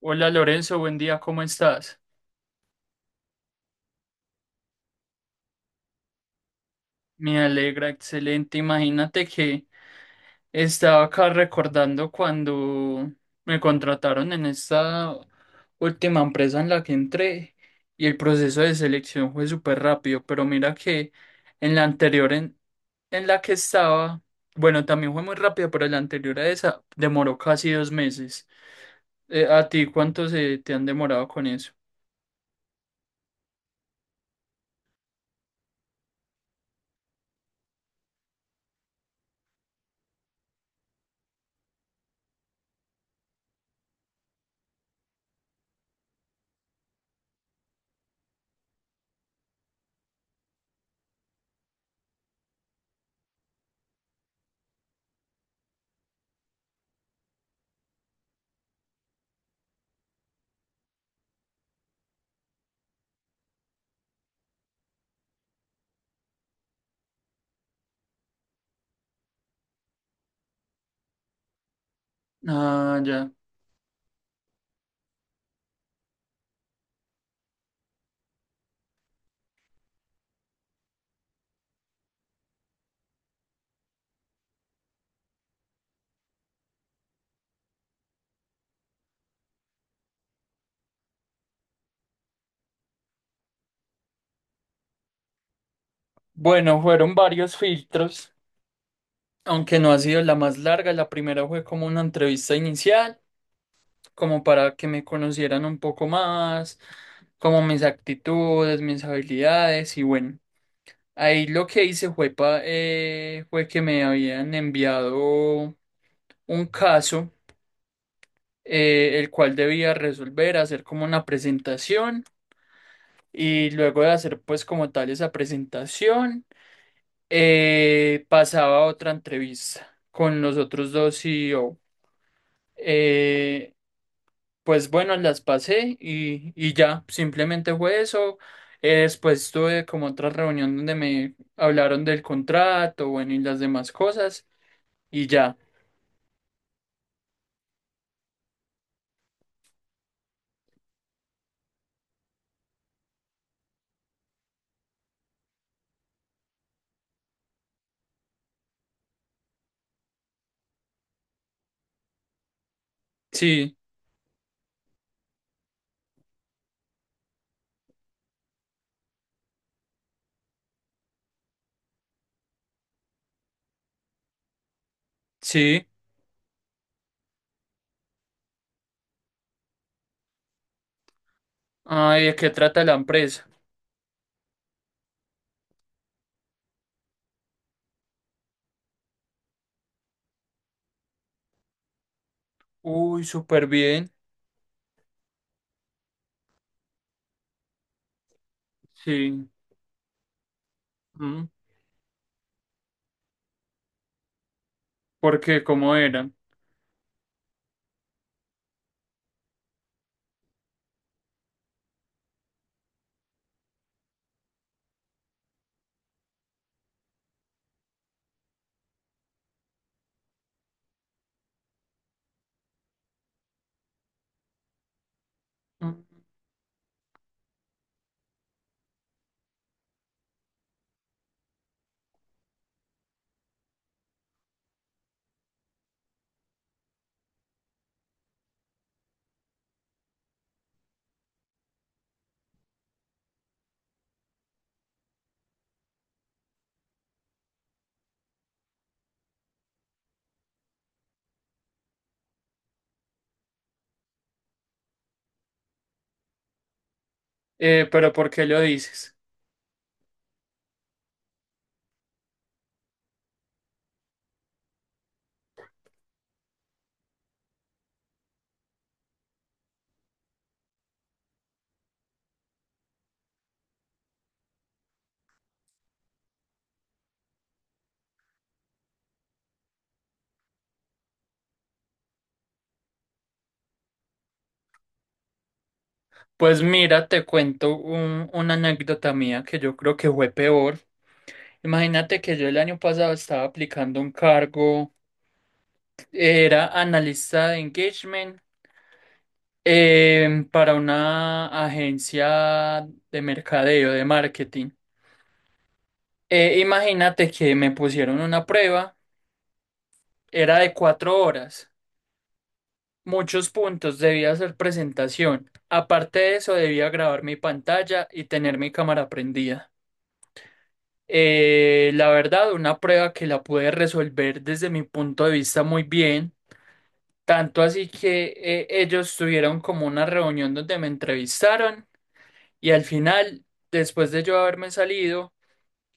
Hola Lorenzo, buen día, ¿cómo estás? Me alegra, excelente. Imagínate que estaba acá recordando cuando me contrataron en esta última empresa en la que entré y el proceso de selección fue súper rápido, pero mira que en la anterior en la que estaba, bueno, también fue muy rápido, pero la anterior a esa demoró casi dos meses. ¿A ti cuánto se te han demorado con eso? Ah, ya. Bueno, fueron varios filtros, aunque no ha sido la más larga. La primera fue como una entrevista inicial, como para que me conocieran un poco más, como mis actitudes, mis habilidades y bueno, ahí lo que hice fue, fue que me habían enviado un caso, el cual debía resolver, hacer como una presentación y luego de hacer pues como tal esa presentación. Pasaba a otra entrevista con los otros dos CEO. Eh, pues bueno, las pasé y ya, simplemente fue eso. Después tuve como otra reunión donde me hablaron del contrato, bueno, y las demás cosas y ya. Sí, sí. Ay, ¿de qué trata la empresa? Uy, súper bien. Sí. Mm, ¿por qué? ¿Cómo era? Mm, pero ¿por qué lo dices? Pues mira, te cuento una anécdota mía que yo creo que fue peor. Imagínate que yo el año pasado estaba aplicando un cargo, era analista de engagement, para una agencia de mercadeo, de marketing. Imagínate que me pusieron una prueba, era de cuatro horas, muchos puntos, debía hacer presentación. Aparte de eso, debía grabar mi pantalla y tener mi cámara prendida. La verdad, una prueba que la pude resolver desde mi punto de vista muy bien, tanto así que ellos tuvieron como una reunión donde me entrevistaron y al final, después de yo haberme salido,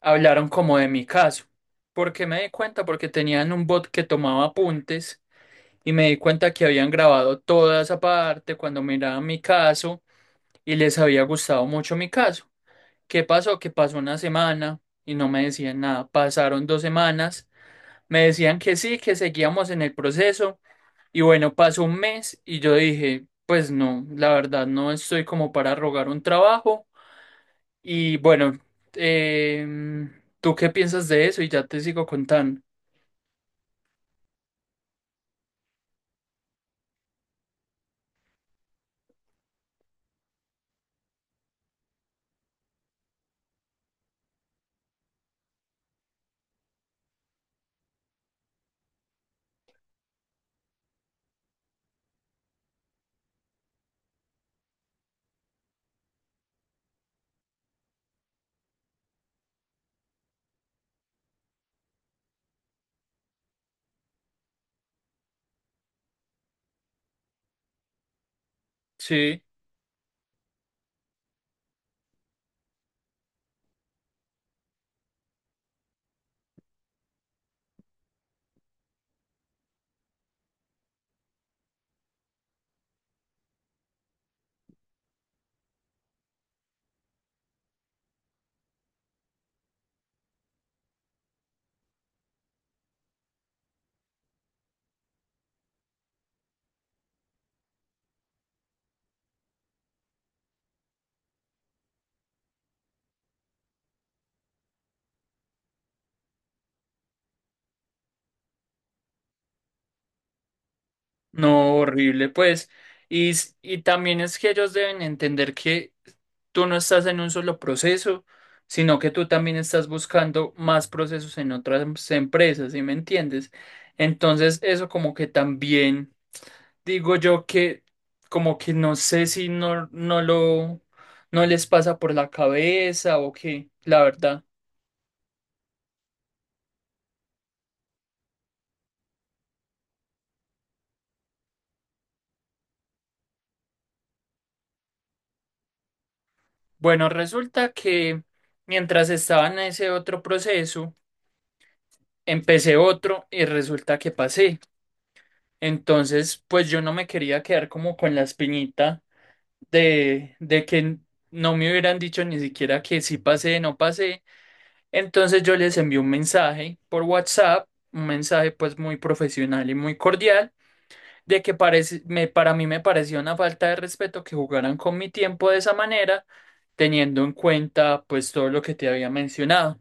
hablaron como de mi caso. ¿Porque me di cuenta? Porque tenían un bot que tomaba apuntes y me di cuenta que habían grabado toda esa parte cuando miraban mi caso y les había gustado mucho mi caso. ¿Qué pasó? Que pasó una semana y no me decían nada. Pasaron dos semanas, me decían que sí, que seguíamos en el proceso. Y bueno, pasó un mes y yo dije, pues no, la verdad no estoy como para rogar un trabajo. Y bueno, em, ¿tú qué piensas de eso? Y ya te sigo contando. Sí. No, horrible, pues. Y, y también es que ellos deben entender que tú no estás en un solo proceso, sino que tú también estás buscando más procesos en otras empresas, ¿sí me entiendes? Entonces, eso como que también digo yo que como que no sé si no les pasa por la cabeza o qué, la verdad. Bueno, resulta que mientras estaba en ese otro proceso, empecé otro y resulta que pasé. Entonces, pues yo no me quería quedar como con la espinita de que no me hubieran dicho ni siquiera que sí pasé, no pasé. Entonces yo les envié un mensaje por WhatsApp, un mensaje pues muy profesional y muy cordial, de que parece, me, para mí me parecía una falta de respeto que jugaran con mi tiempo de esa manera, teniendo en cuenta pues todo lo que te había mencionado.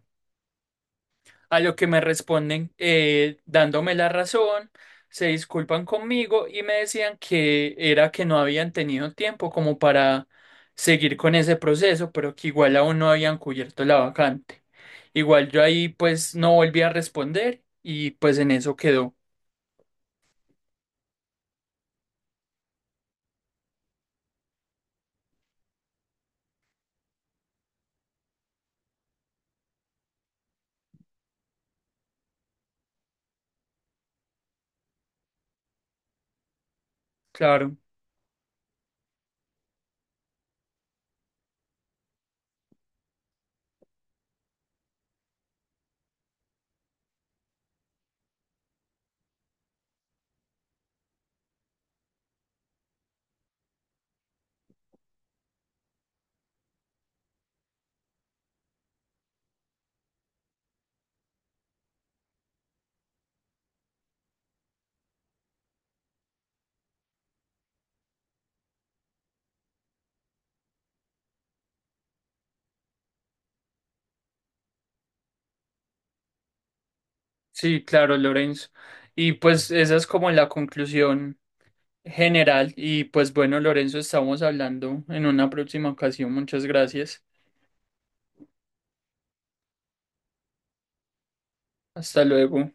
A lo que me responden, dándome la razón, se disculpan conmigo y me decían que era que no habían tenido tiempo como para seguir con ese proceso, pero que igual aún no habían cubierto la vacante. Igual yo ahí pues no volví a responder y pues en eso quedó. Claro, sí, claro, Lorenzo. Y pues esa es como la conclusión general. Y pues bueno, Lorenzo, estamos hablando en una próxima ocasión. Muchas gracias. Hasta luego.